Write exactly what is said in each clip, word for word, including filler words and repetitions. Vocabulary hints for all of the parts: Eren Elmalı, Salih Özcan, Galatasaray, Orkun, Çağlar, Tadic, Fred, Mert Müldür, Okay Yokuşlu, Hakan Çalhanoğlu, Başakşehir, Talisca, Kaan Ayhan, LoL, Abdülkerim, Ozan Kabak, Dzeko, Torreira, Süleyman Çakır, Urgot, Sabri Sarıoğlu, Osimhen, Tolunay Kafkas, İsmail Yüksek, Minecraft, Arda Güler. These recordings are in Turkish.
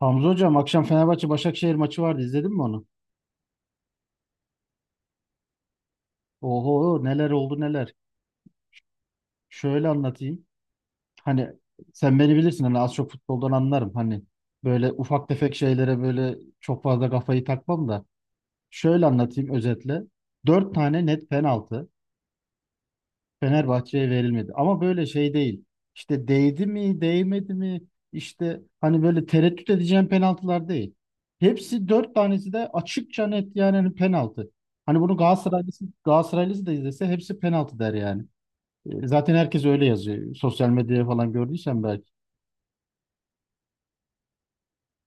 Hamza hocam akşam Fenerbahçe Başakşehir maçı vardı izledin mi onu? Oho neler oldu neler. Şöyle anlatayım. Hani sen beni bilirsin, hani az çok futboldan anlarım. Hani böyle ufak tefek şeylere böyle çok fazla kafayı takmam da. Şöyle anlatayım özetle. Dört tane net penaltı. Fenerbahçe'ye verilmedi. Ama böyle şey değil. İşte değdi mi, değmedi mi? İşte hani böyle tereddüt edeceğim penaltılar değil. Hepsi, dört tanesi de açıkça net, yani hani penaltı. Hani bunu Galatasaraylısı, Galatasaraylısı da izlese hepsi penaltı der yani. E, zaten herkes öyle yazıyor. Sosyal medyaya falan gördüysen belki.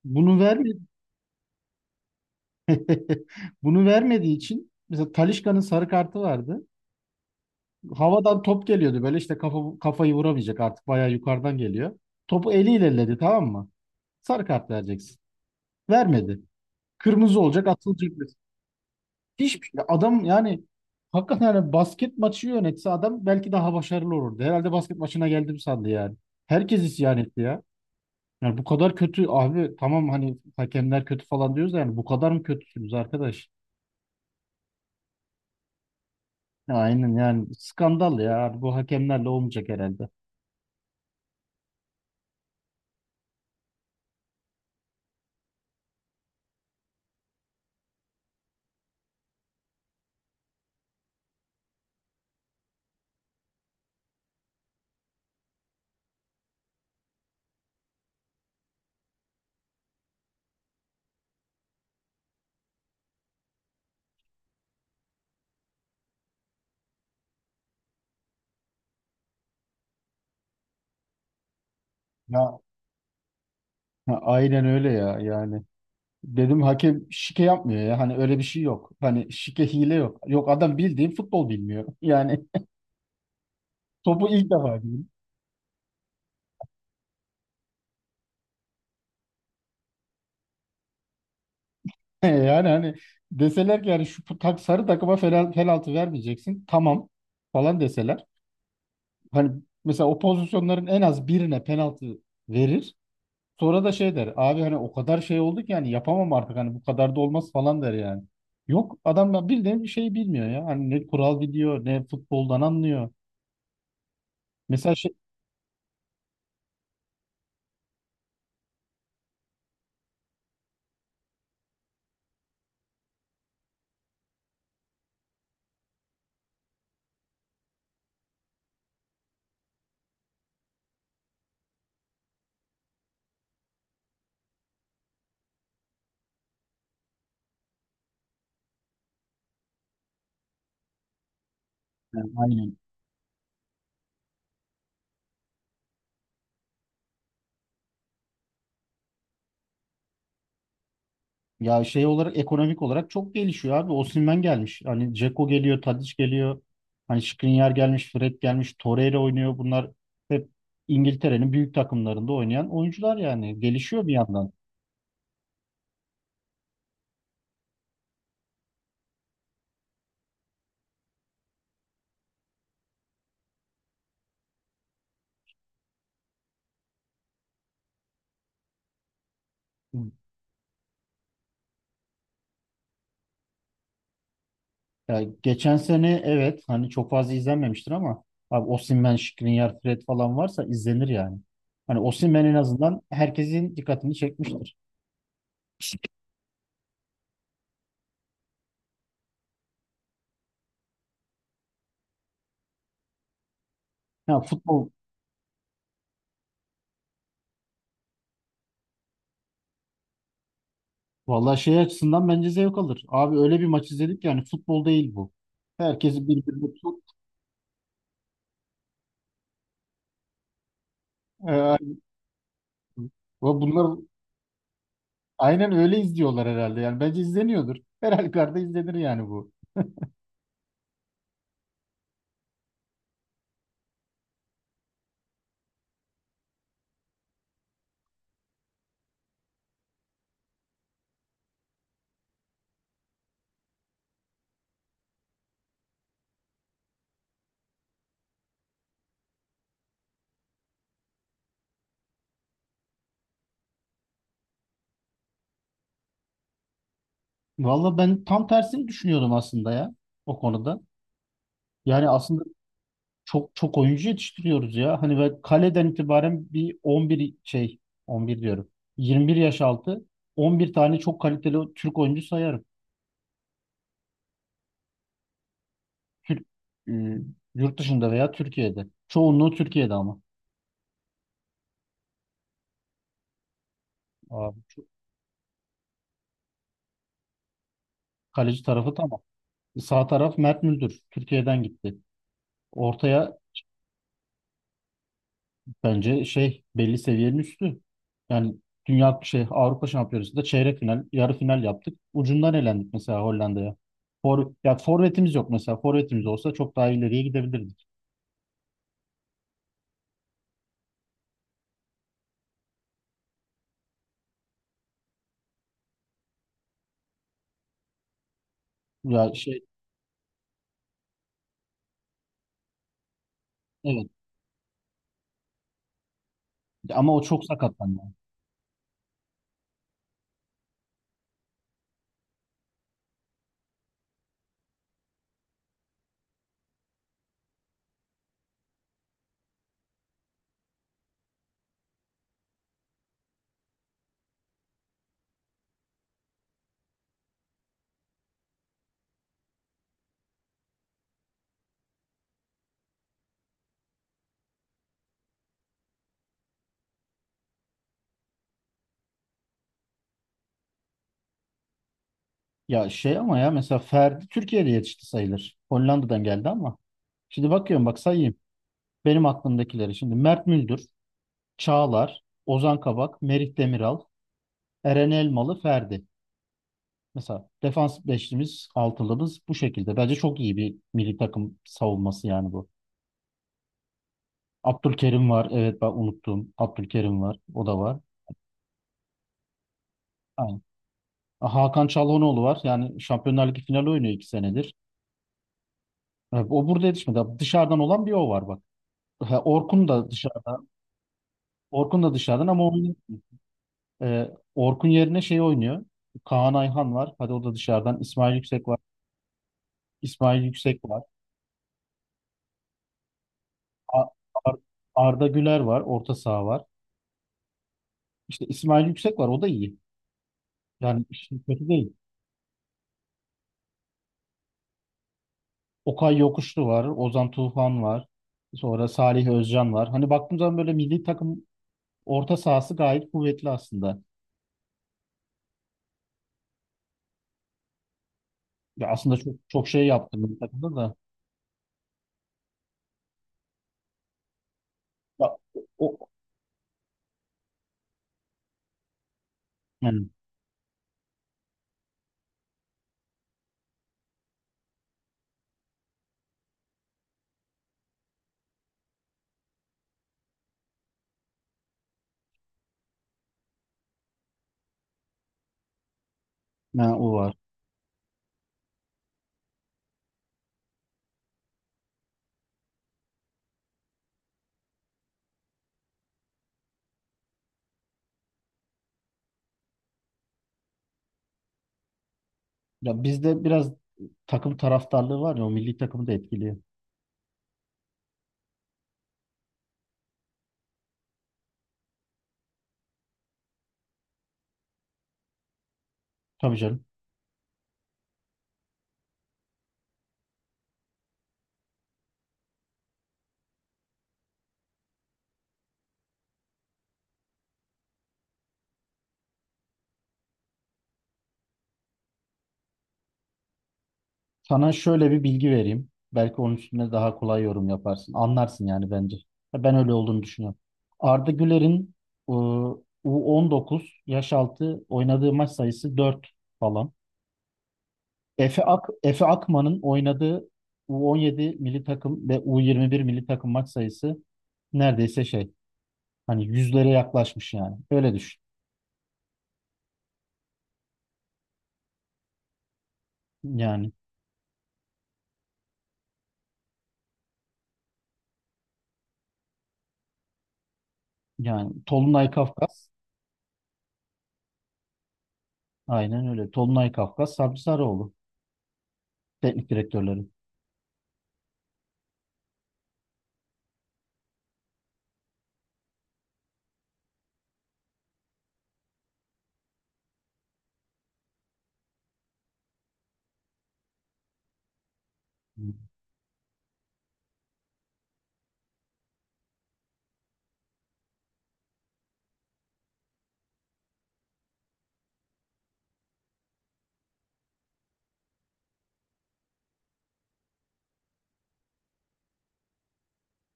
Bunu vermedi. Bunu vermediği için mesela Talisca'nın sarı kartı vardı. Havadan top geliyordu, böyle işte kafa, kafayı vuramayacak, artık bayağı yukarıdan geliyor. Topu eliyle elledi, tamam mı? Sarı kart vereceksin. Vermedi. Kırmızı olacak, atılacak. Hiçbir şey. Adam, yani hakikaten yani basket maçı yönetse adam belki daha başarılı olurdu. Herhalde basket maçına geldim sandı yani. Herkes isyan etti ya. Yani bu kadar kötü abi, tamam hani hakemler kötü falan diyoruz da, yani bu kadar mı kötüsünüz arkadaş? Ya aynen, yani skandal ya, bu hakemlerle olmayacak herhalde. Ya ha, aynen öyle ya, yani. Dedim hakem şike yapmıyor ya. Hani öyle bir şey yok. Hani şike hile yok. Yok, adam bildiğin futbol bilmiyor. Yani topu ilk defa giydin. Yani hani deseler ki yani şu tak, sarı takıma fel- penaltı vermeyeceksin. Tamam falan deseler. Hani mesela o pozisyonların en az birine penaltı verir. Sonra da şey der. Abi, hani o kadar şey oldu ki yani yapamam artık, hani bu kadar da olmaz falan der yani. Yok, adam ya bildiğin bir şey bilmiyor ya. Hani ne kural biliyor, ne futboldan anlıyor. Mesela şey, yani aynen. Ya şey olarak, ekonomik olarak çok gelişiyor abi. Osimhen gelmiş. Hani Dzeko geliyor, Tadic geliyor. Hani Skriniar gelmiş, Fred gelmiş, Torreira oynuyor. Bunlar hep İngiltere'nin büyük takımlarında oynayan oyuncular yani. Gelişiyor bir yandan. Ya geçen sene evet, hani çok fazla izlenmemiştir ama abi Osimhen, Skriniar, Fred falan varsa izlenir yani. Hani Osimhen en azından herkesin dikkatini çekmiştir. Ya futbol Vallahi şey açısından bence zevk alır. Abi öyle bir maç izledik, yani futbol değil bu. Herkesi birbirine tut. Ee, aynen. Ve bunlar aynen öyle izliyorlar herhalde. Yani bence izleniyordur. Her halükarda izlenir yani bu. Vallahi ben tam tersini düşünüyordum aslında ya, o konuda. Yani aslında çok çok oyuncu yetiştiriyoruz ya. Hani ve kaleden itibaren bir on bir şey, on bir diyorum. Yirmi bir yaş altı on bir tane çok kaliteli Türk oyuncu sayarım. Türk e, yurt dışında veya Türkiye'de. Çoğunluğu Türkiye'de ama. Abi, çok- Kaleci tarafı tamam. Sağ taraf Mert Müldür. Türkiye'den gitti. Ortaya, bence şey, belli seviyenin üstü. Yani dünya şey Avrupa Şampiyonası'nda çeyrek final, yarı final yaptık. Ucundan elendik mesela Hollanda'ya. For, ya forvetimiz yok mesela. Forvetimiz olsa çok daha ileriye gidebilirdik. Ya şey, evet ama o çok sakatlandı. Ya şey ama ya, mesela Ferdi Türkiye'de yetişti sayılır. Hollanda'dan geldi ama. Şimdi bakıyorum, bak say. Benim aklımdakileri şimdi: Mert Müldür, Çağlar, Ozan Kabak, Merih Demiral, Eren Elmalı, Ferdi. Mesela defans beşlimiz, altılımız bu şekilde. Bence çok iyi bir milli takım savunması yani bu. Abdülkerim var. Evet, ben unuttum. Abdülkerim var. O da var. Aynen. Hakan Çalhanoğlu var. Yani Şampiyonlar Ligi finali oynuyor iki senedir. Evet, o burada yetişmedi. Dışarıdan olan bir o var bak. Ha, Orkun da dışarıdan. Orkun da dışarıdan ama o. Ee, Orkun yerine şey oynuyor. Kaan Ayhan var. Hadi, o da dışarıdan. İsmail Yüksek var. İsmail Yüksek var. A- Ar- Arda Güler var. Orta saha var. İşte İsmail Yüksek var. O da iyi. Yani işin kötü değil. Okay Yokuşlu var. Ozan Tufan var. Sonra Salih Özcan var. Hani baktığım zaman böyle milli takım orta sahası gayet kuvvetli aslında. Ya aslında çok çok şey yaptım milli takımda da. Ya, o, yani, ha, o var. Ya bizde biraz takım taraftarlığı var ya, o milli takımı da etkiliyor. Tabii canım. Sana şöyle bir bilgi vereyim. Belki onun üstüne daha kolay yorum yaparsın. Anlarsın yani, bence. Ya ben öyle olduğunu düşünüyorum. Arda Güler'in e, U on dokuz yaş altı oynadığı maç sayısı dört falan. Efe, Ak Efe Akman'ın oynadığı U on yedi milli takım ve U yirmi bir milli takım maç sayısı neredeyse şey, hani yüzlere yaklaşmış yani. Öyle düşün. Yani yani Tolunay Kafkas, aynen öyle. Tolunay Kafkas, Sabri Sarıoğlu teknik direktörleri.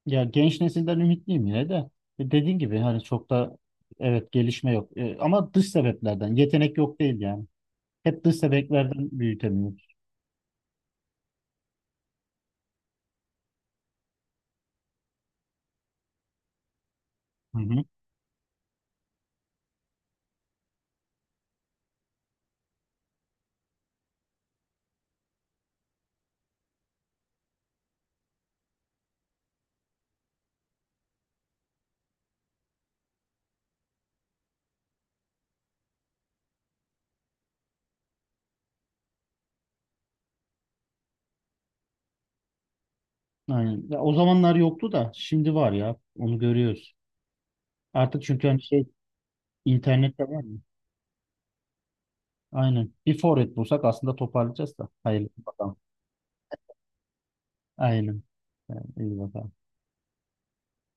Ya, genç nesilden ümitliyim yine de. E, dediğin gibi hani çok da evet gelişme yok. E, ama dış sebeplerden. Yetenek yok değil yani. Hep dış sebeplerden büyütemiyoruz. Hı hı. Aynen. Ya o zamanlar yoktu da şimdi var ya. Onu görüyoruz. Artık çünkü hani şey, internette var mı? Aynen. Bir forvet bulsak aslında toparlayacağız da. Hayırlı bakalım. Aynen. Yani, iyi bakalım.